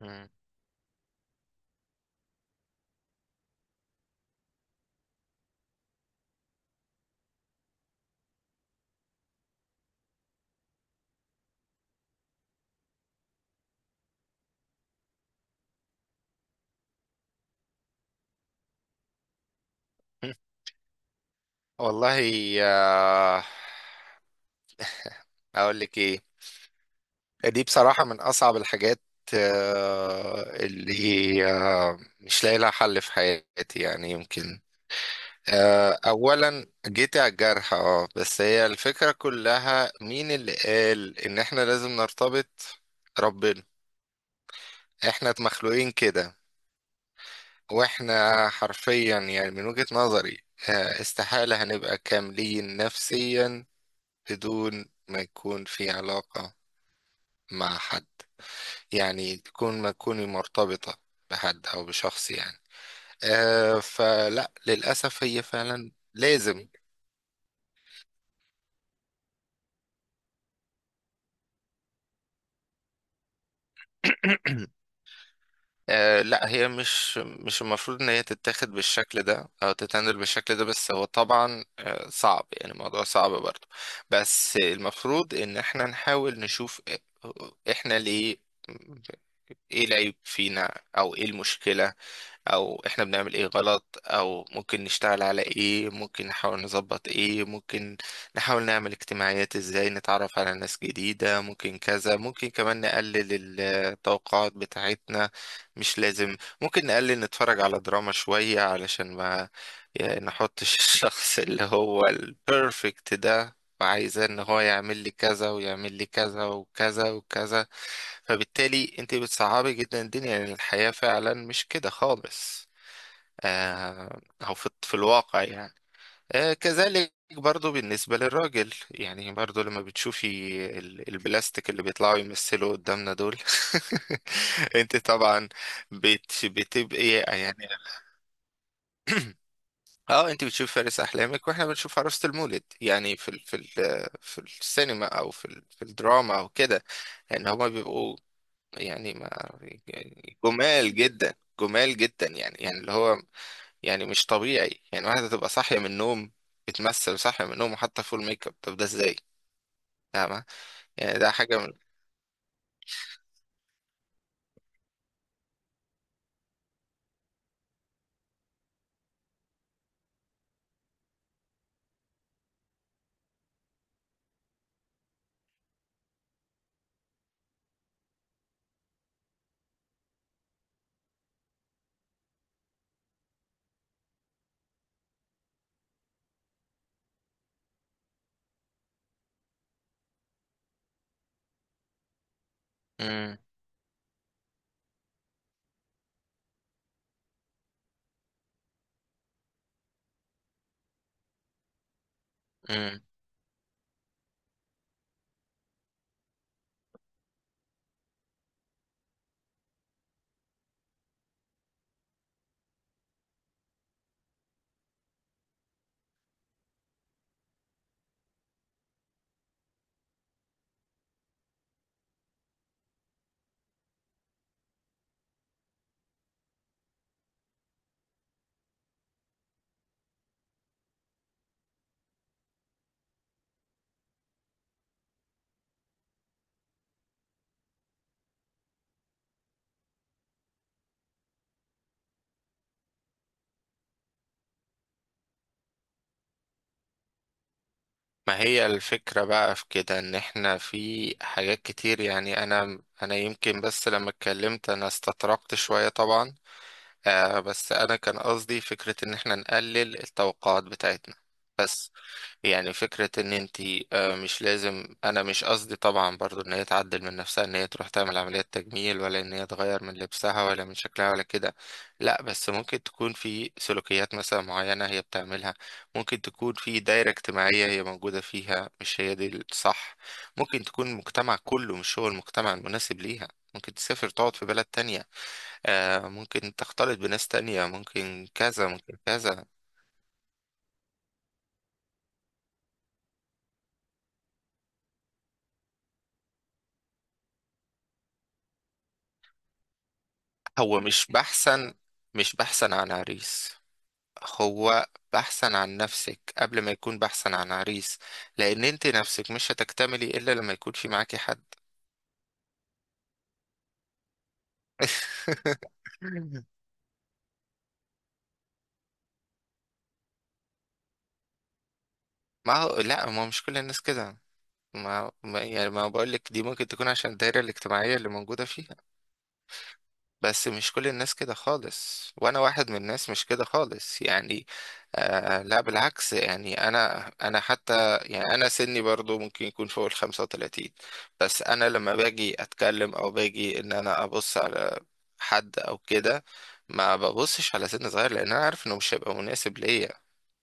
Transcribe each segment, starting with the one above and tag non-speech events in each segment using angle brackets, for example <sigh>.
مم. <laughs> والله، آه، اقول لك ايه. دي بصراحة من اصعب الحاجات اللي مش لاقي لها حل في حياتي، يعني يمكن اولا جيت على الجرح، اه بس هي الفكرة كلها مين اللي قال ان احنا لازم نرتبط؟ ربنا. احنا مخلوقين كده، واحنا حرفيا يعني من وجهة نظري استحالة هنبقى كاملين نفسيا بدون ما يكون في علاقة مع حد، يعني تكون ما تكوني مرتبطة بحد أو بشخص يعني. فلا، للأسف هي فعلا لازم. <clears throat> لا، هي مش المفروض إن هي تتاخد بالشكل ده أو تتعامل بالشكل ده، بس هو طبعا صعب، يعني الموضوع صعب برضه. بس المفروض إن احنا نحاول نشوف إحنا ليه، ايه العيب فينا او ايه المشكلة، او احنا بنعمل ايه غلط، او ممكن نشتغل على ايه، ممكن نحاول نظبط ايه، ممكن نحاول نعمل اجتماعيات، ازاي نتعرف على ناس جديدة، ممكن كذا، ممكن كمان نقلل التوقعات بتاعتنا. مش لازم، ممكن نقلل نتفرج على دراما شوية علشان ما يعني نحطش <laughs> الشخص اللي هو البرفكت ده، وعايزاه ان هو يعمل لي كذا ويعمل لي كذا وكذا وكذا. فبالتالي انت بتصعبي جدا الدنيا، يعني الحياة فعلا مش كده خالص. آه او في الواقع يعني. كذلك برضو بالنسبة للراجل، يعني برضو لما بتشوفي البلاستيك اللي بيطلعوا يمثلوا قدامنا دول، <laughs> انت طبعا بتبقي يعني، اه انت بتشوف فارس احلامك واحنا بنشوف عروسة المولد، يعني في السينما او في الدراما او كده، يعني هما بيبقوا يعني ما، يعني جمال جدا، جمال جدا، يعني اللي هو يعني مش طبيعي. يعني واحدة تبقى صاحية من النوم، بتمثل صاحية من النوم وحاطة فول ميك اب، طب ده ازاي؟ فاهمة؟ يعني ده حاجة من. مم. مم. ما هي الفكرة بقى في كده، ان احنا في حاجات كتير، يعني انا يمكن، بس لما اتكلمت انا استطرقت شوية طبعا. بس انا كان قصدي فكرة ان احنا نقلل التوقعات بتاعتنا. بس يعني فكرة ان انت مش لازم، انا مش قصدي طبعا برضو ان هي تعدل من نفسها، ان هي تروح تعمل عملية تجميل، ولا ان هي تغير من لبسها ولا من شكلها ولا كده. لا، بس ممكن تكون في سلوكيات مثلا معينة هي بتعملها، ممكن تكون في دايرة اجتماعية هي موجودة فيها مش هي دي الصح، ممكن تكون المجتمع كله مش هو المجتمع المناسب ليها، ممكن تسافر تقعد في بلد تانية، ممكن تختلط بناس تانية، ممكن كذا ممكن كذا. هو مش بحثا عن عريس. هو بحثا عن نفسك قبل ما يكون بحثا عن عريس، لان انت نفسك مش هتكتملي الا لما يكون في معاكي حد. <laughs> ما هو، لا، ما هو مش كل الناس كده. يعني ما بقول لك، دي ممكن تكون عشان الدايره الاجتماعيه اللي موجوده فيه، بس مش كل الناس كده خالص، وانا واحد من الناس مش كده خالص يعني. لا بالعكس، يعني انا حتى، يعني انا سني برضو ممكن يكون فوق ال 35. بس انا لما باجي اتكلم او باجي ان انا ابص على حد او كده، ما ببصش على سن صغير، لان انا عارف انه مش هيبقى مناسب ليا.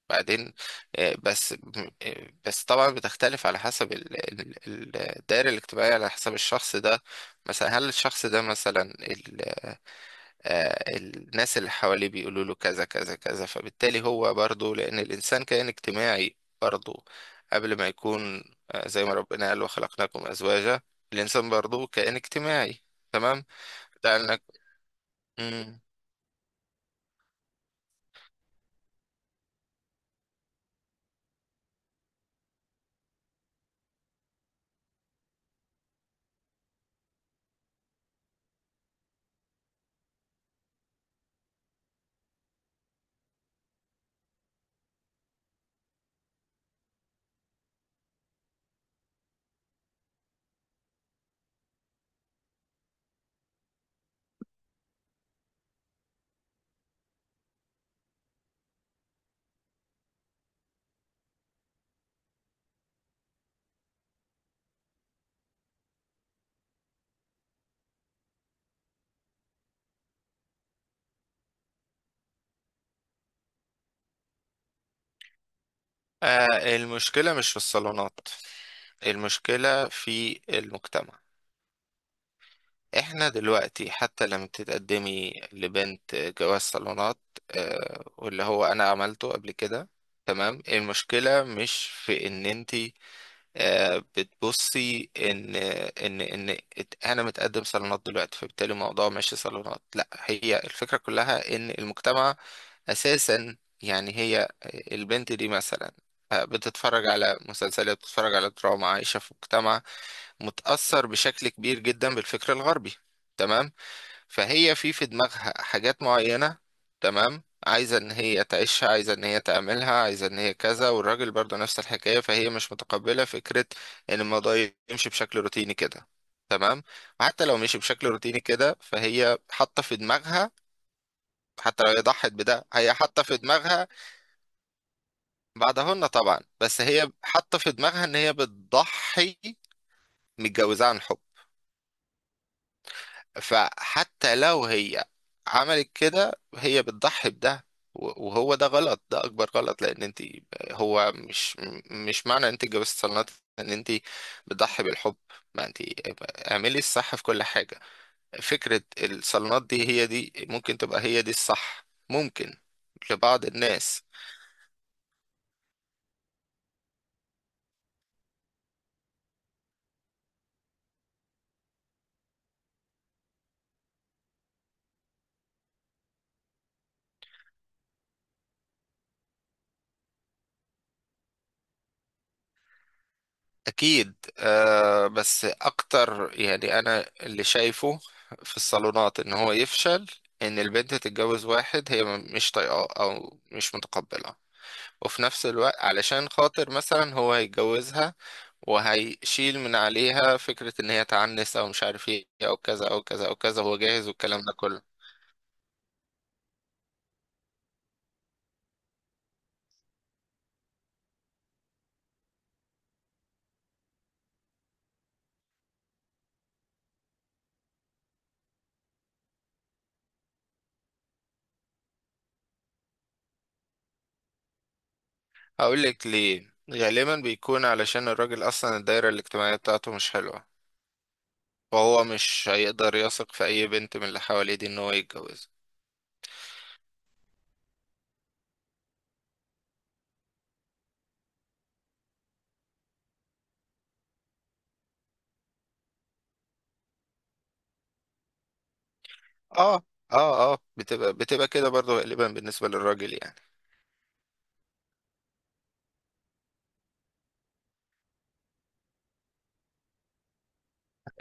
بعدين آه، بس بس طبعا بتختلف على حسب الدائرة الاجتماعية، على حسب الشخص ده. مثلا هل الشخص ده مثلا الناس اللي حواليه بيقولوا له كذا كذا كذا، فبالتالي هو برضه لأن الإنسان كائن اجتماعي، برضه قبل ما يكون زي ما ربنا قال وخلقناكم أزواجا، الإنسان برضه كائن اجتماعي. تمام. ده إنك. مم. المشكلة مش في الصالونات، المشكلة في المجتمع. احنا دلوقتي حتى لما تتقدمي لبنت جواز صالونات، واللي هو انا عملته قبل كده، تمام. المشكلة مش في ان انت بتبصي ان ان انا متقدم صالونات دلوقتي، فبالتالي الموضوع ماشي صالونات. لا، هي الفكره كلها ان المجتمع اساسا، يعني هي البنت دي مثلا بتتفرج على مسلسلات، بتتفرج على دراما، عايشه في مجتمع متاثر بشكل كبير جدا بالفكر الغربي، تمام. فهي في دماغها حاجات معينة، تمام، عايزة ان هي تعيشها، عايزة ان هي تعملها، عايزة ان هي كذا، والراجل برضه نفس الحكاية، فهي مش متقبلة فكرة ان الموضوع يمشي بشكل روتيني كده، تمام. وحتى لو مشي بشكل روتيني كده فهي حاطة في دماغها، حتى لو هي ضحت بده هي حاطة في دماغها، بعدهن طبعا، بس هي حاطة في دماغها ان هي بتضحي، متجوزة عن حب. فحتى لو هي عملت كده هي بتضحي بده. وهو ده غلط، ده اكبر غلط، لان انت هو مش مش معنى انت اتجوزت صالونات ان انت بتضحي بالحب. ما انت اعملي الصح في كل حاجه. فكره الصالونات دي، هي دي ممكن تبقى هي دي الصح، ممكن لبعض الناس. أكيد، بس أكتر يعني أنا اللي شايفه في الصالونات إن هو يفشل، إن البنت تتجوز واحد هي مش طايقاه أو مش متقبلة، وفي نفس الوقت علشان خاطر مثلا هو هيتجوزها وهيشيل من عليها فكرة إن هي تعنس أو مش عارف إيه أو كذا أو كذا أو كذا، هو جاهز والكلام ده كله. هقولك ليه، غالبا بيكون علشان الراجل أصلا الدايرة الاجتماعية بتاعته مش حلوة، فهو مش هيقدر يثق في أي بنت من اللي حواليه دي إن هو يتجوزها. اه اه بتبقى كده برضه غالبا بالنسبة للراجل يعني.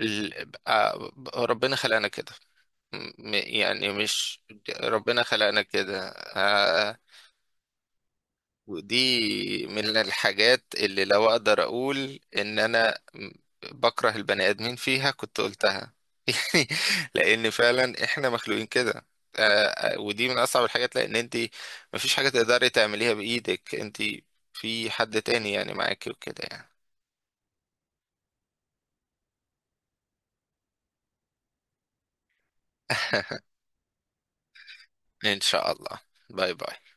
ربنا خلقنا كده. يعني مش، ربنا خلقنا كده. ودي من الحاجات اللي لو اقدر اقول ان انا بكره البني ادمين فيها كنت قلتها. <laughs> يعني لان فعلا احنا مخلوقين كده. ودي من اصعب الحاجات، لان انت مفيش حاجة تقدري تعمليها بايدك انت، في حد تاني يعني معاكي وكده يعني. <laughs> ان شاء الله. باي باي.